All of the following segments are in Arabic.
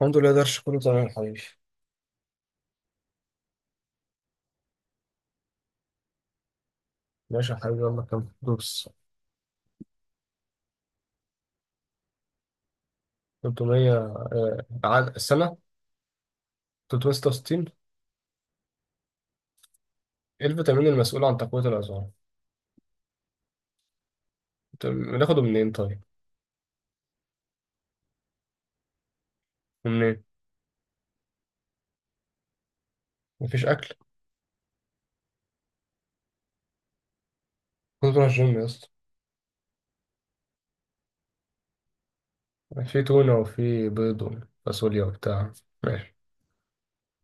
الحمد لله درش كله تمام يا حبيبي. ماشي يا حبيبي، يلا كم دروس. 300 السنة 366. إيه الفيتامين المسؤول عن تقوية العظام؟ طب بناخده منين طيب؟ منين؟ مفيش أكل؟ كنت بروح الجيم يا اسطى. في تونة وفي بيض وفاصوليا وبتاع. ماشي.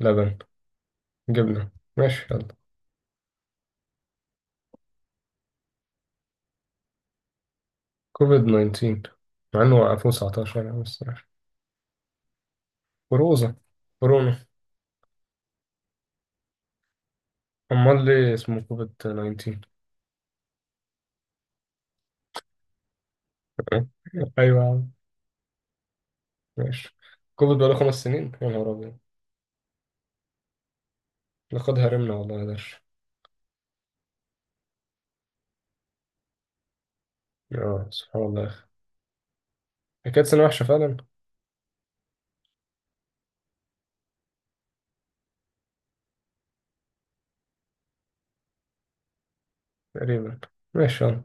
لبن. جبنة. ماشي يلا. كوفيد 19. مع إنه وقفوه 19 يعني بس ماشي. كوروزة. كورونا. أمال ليه اسمه كوفيد 19؟ أيوة يا عم. ماشي. كوفيد بقاله 5 سنين يا نهار أبيض. لقد هرمنا والله يا درش. اه، سبحان الله يا أخي. هي كانت سنة وحشة فعلا. تقريبا. ماشي يلا.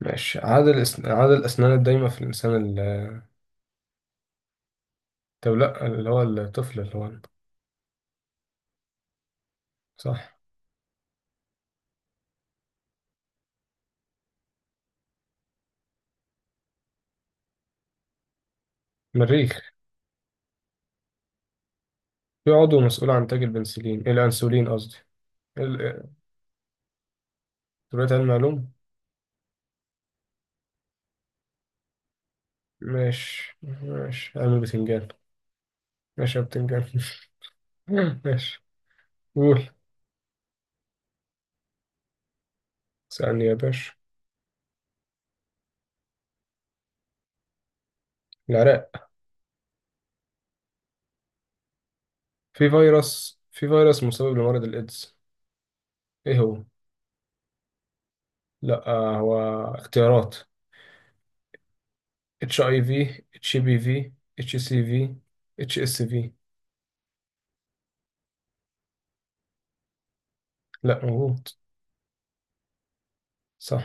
ماشي. عدد الأسنان الدايمة في الإنسان طب لا، اللي هو الطفل اللي هو. صح. مريخ. في عضو مسؤول عن إنتاج البنسلين، الأنسولين قصدي. ال... دلوقتي علم معلوم. ماشي ماشي، علم البتنجان. ماشي يا بتنجان. ماشي. قول. اسألني يا باشا. العراق. في فيروس مسبب لمرض الإيدز. إيه هو؟ لا، هو اختيارات: اتش اي في، اتش بي في، اتش سي في، اتش اس في. لا موجود. صح.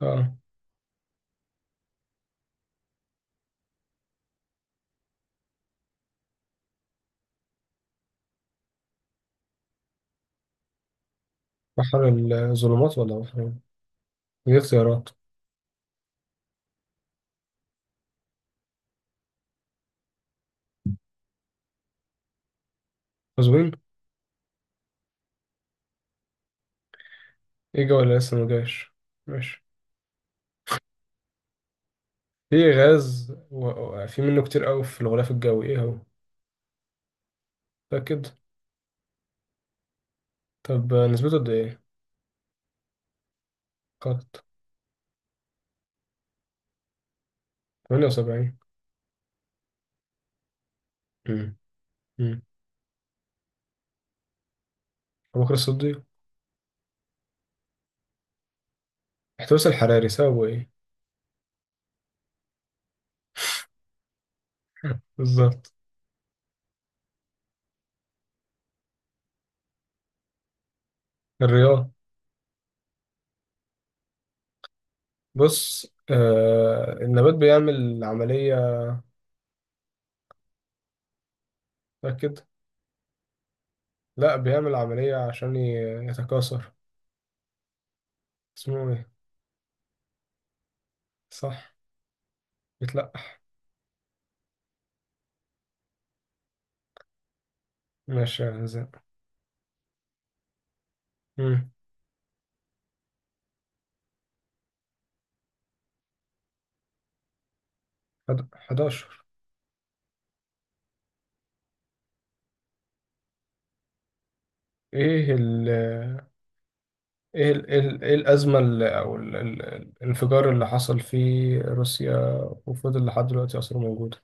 اه. بحر الظلمات ولا بحر. ايه دي اختيارات. مظبوطين. اجا ولا لسه ما جاش. ماشي. في غاز في منه كتير قوي في الغلاف الجوي، ايه هو. متأكد. طب نسبته قد ايه. قط. 78. امم امم ابو بكر الصديق. احتباس الحراري سببه ايه. بالظبط. الرياض. بص، النبات بيعمل عملية. متأكد. لا، بيعمل عملية عشان يتكاثر. اسمه ايه. صح. بيتلقح. ماشي يا زين. امم 11. ايه ال إيه الأزمة اللي، او الانفجار اللي حصل في روسيا وفضل لحد دلوقتي أصلا موجودة.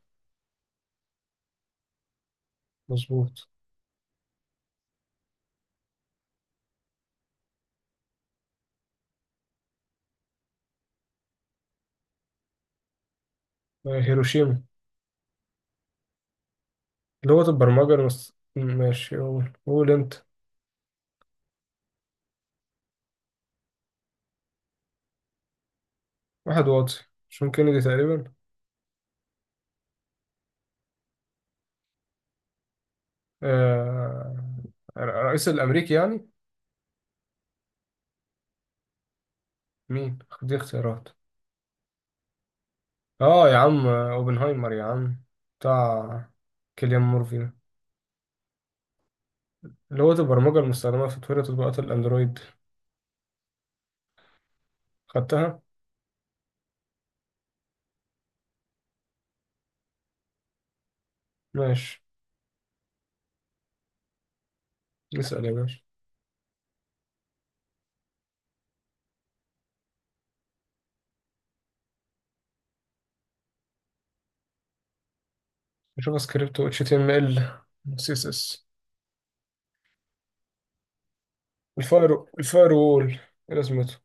مظبوط. هيروشيما. ماشي، قول قول انت. واحد واطي. جون كينيدي تقريبا. آه... الرئيس الأمريكي يعني. مين دي اختيارات. اه يا عم، اوبنهايمر يا عم. بتاع. كيليان مورفي. اللي هو البرمجة المستخدمة في تطوير تطبيقات الأندرويد. خدتها؟ ماشي. اسأل يا باشا. نشوف سكريبت و HTML و CSS. الفاير وول، ايه لازمته؟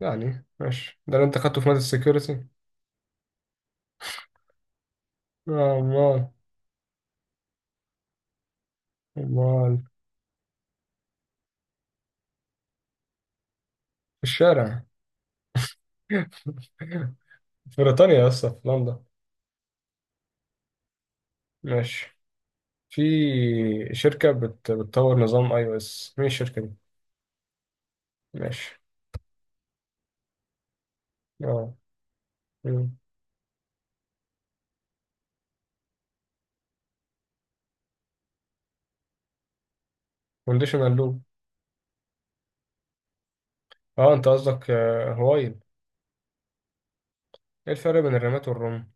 يعني ماشي، ده اللي انت خدته في مادة السكيورتي؟ أمال. أمال. في الشارع. في بريطانيا يا اسطى، في لندن. ماشي. في. بتطور نظام اي او اس. مين الشركة دي؟ ماشي. اه، كونديشنال لوب. اه انت قصدك، هوايل. ايه الفرق بين الرمات والرمل.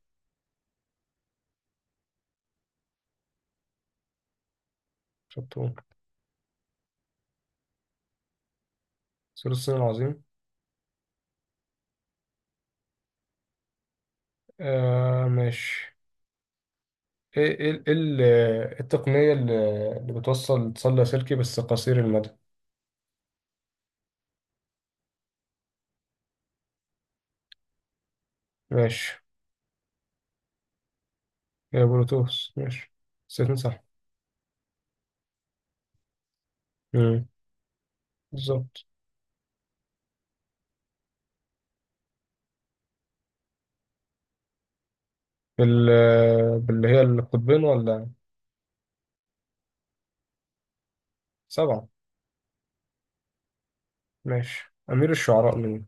شطور. سور الصين العظيم. ماشي. ايه ايه إيه ال- آه، التقنية اللي اللي بتوصل اتصال لاسلكي بس قصير المدى. ماشي. هي بلوتوث ماشي. ستين صح. مم. بالظبط. باللي هي القطبين ولا. سبعة. ماشي أمير الشعراء مين.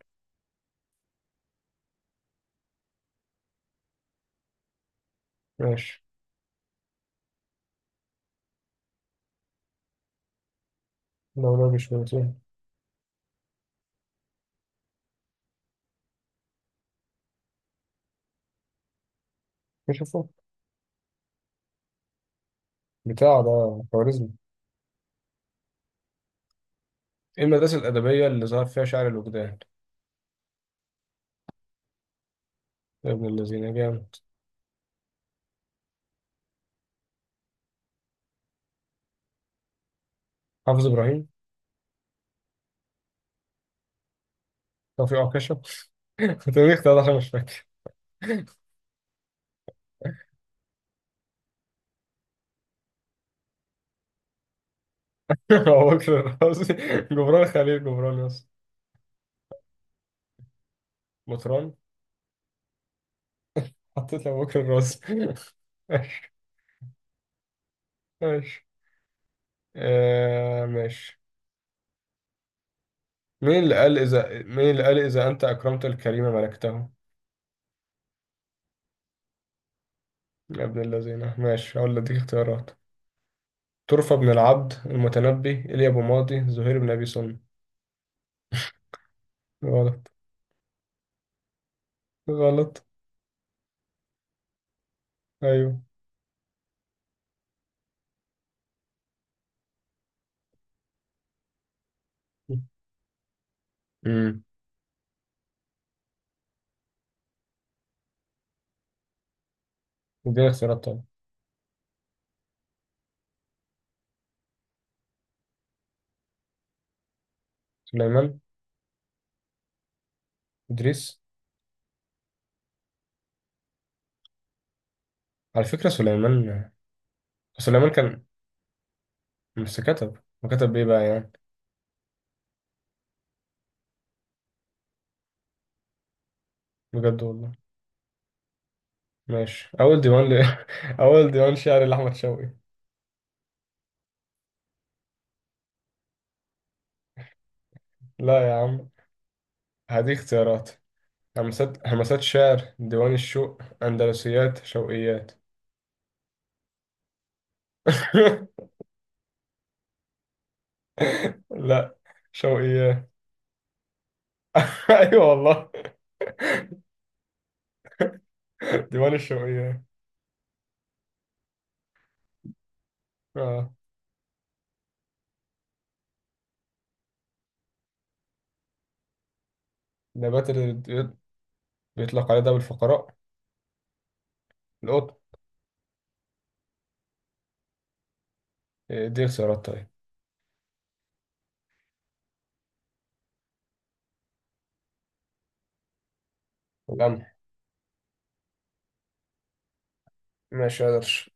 ماشي. لو ده مش بنتين. نشوفه. بتاع ده خوارزمي. ايه المدرسة الأدبية اللي ظهر فيها شعر الوجدان. يا ابن الذين جامد. حافظ ابراهيم. توفيق عكاشة توفيق ده عشان مش فاكر. ابو بكر الرازي، جبران خليل جبران، يس. مطران. حطيت ابو بكر الرازي ماشي. ماشي. ماشي. مين اللي قال اذا انت اكرمت الكريم ملكته. يا ابن الذين، ماشي اقول لك اختيارات: طرفة بن العبد، المتنبي، ايليا ابو ماضي، زهير بن ابي سلمى. غلط. غلط. ايوه. امم اديني اختيارات طبعا. سليمان. ادريس. على فكرة سليمان. سليمان كان. بس كتب. وكتب ايه بقى يعني. بجد والله. ماشي، أول ديوان شعر لأحمد شوقي. لا يا عم. هذه اختيارات: همسات همسات شعر، ديوان الشوق، أندلسيات، شوقيات. لا، شوقيات. أيوة والله. ديوان الشوقيات. آه نبات اللي بيطلق عليه داب الفقراء. القطن. إيه، دي اختيارات طيب. القمح. ماشي قدرش.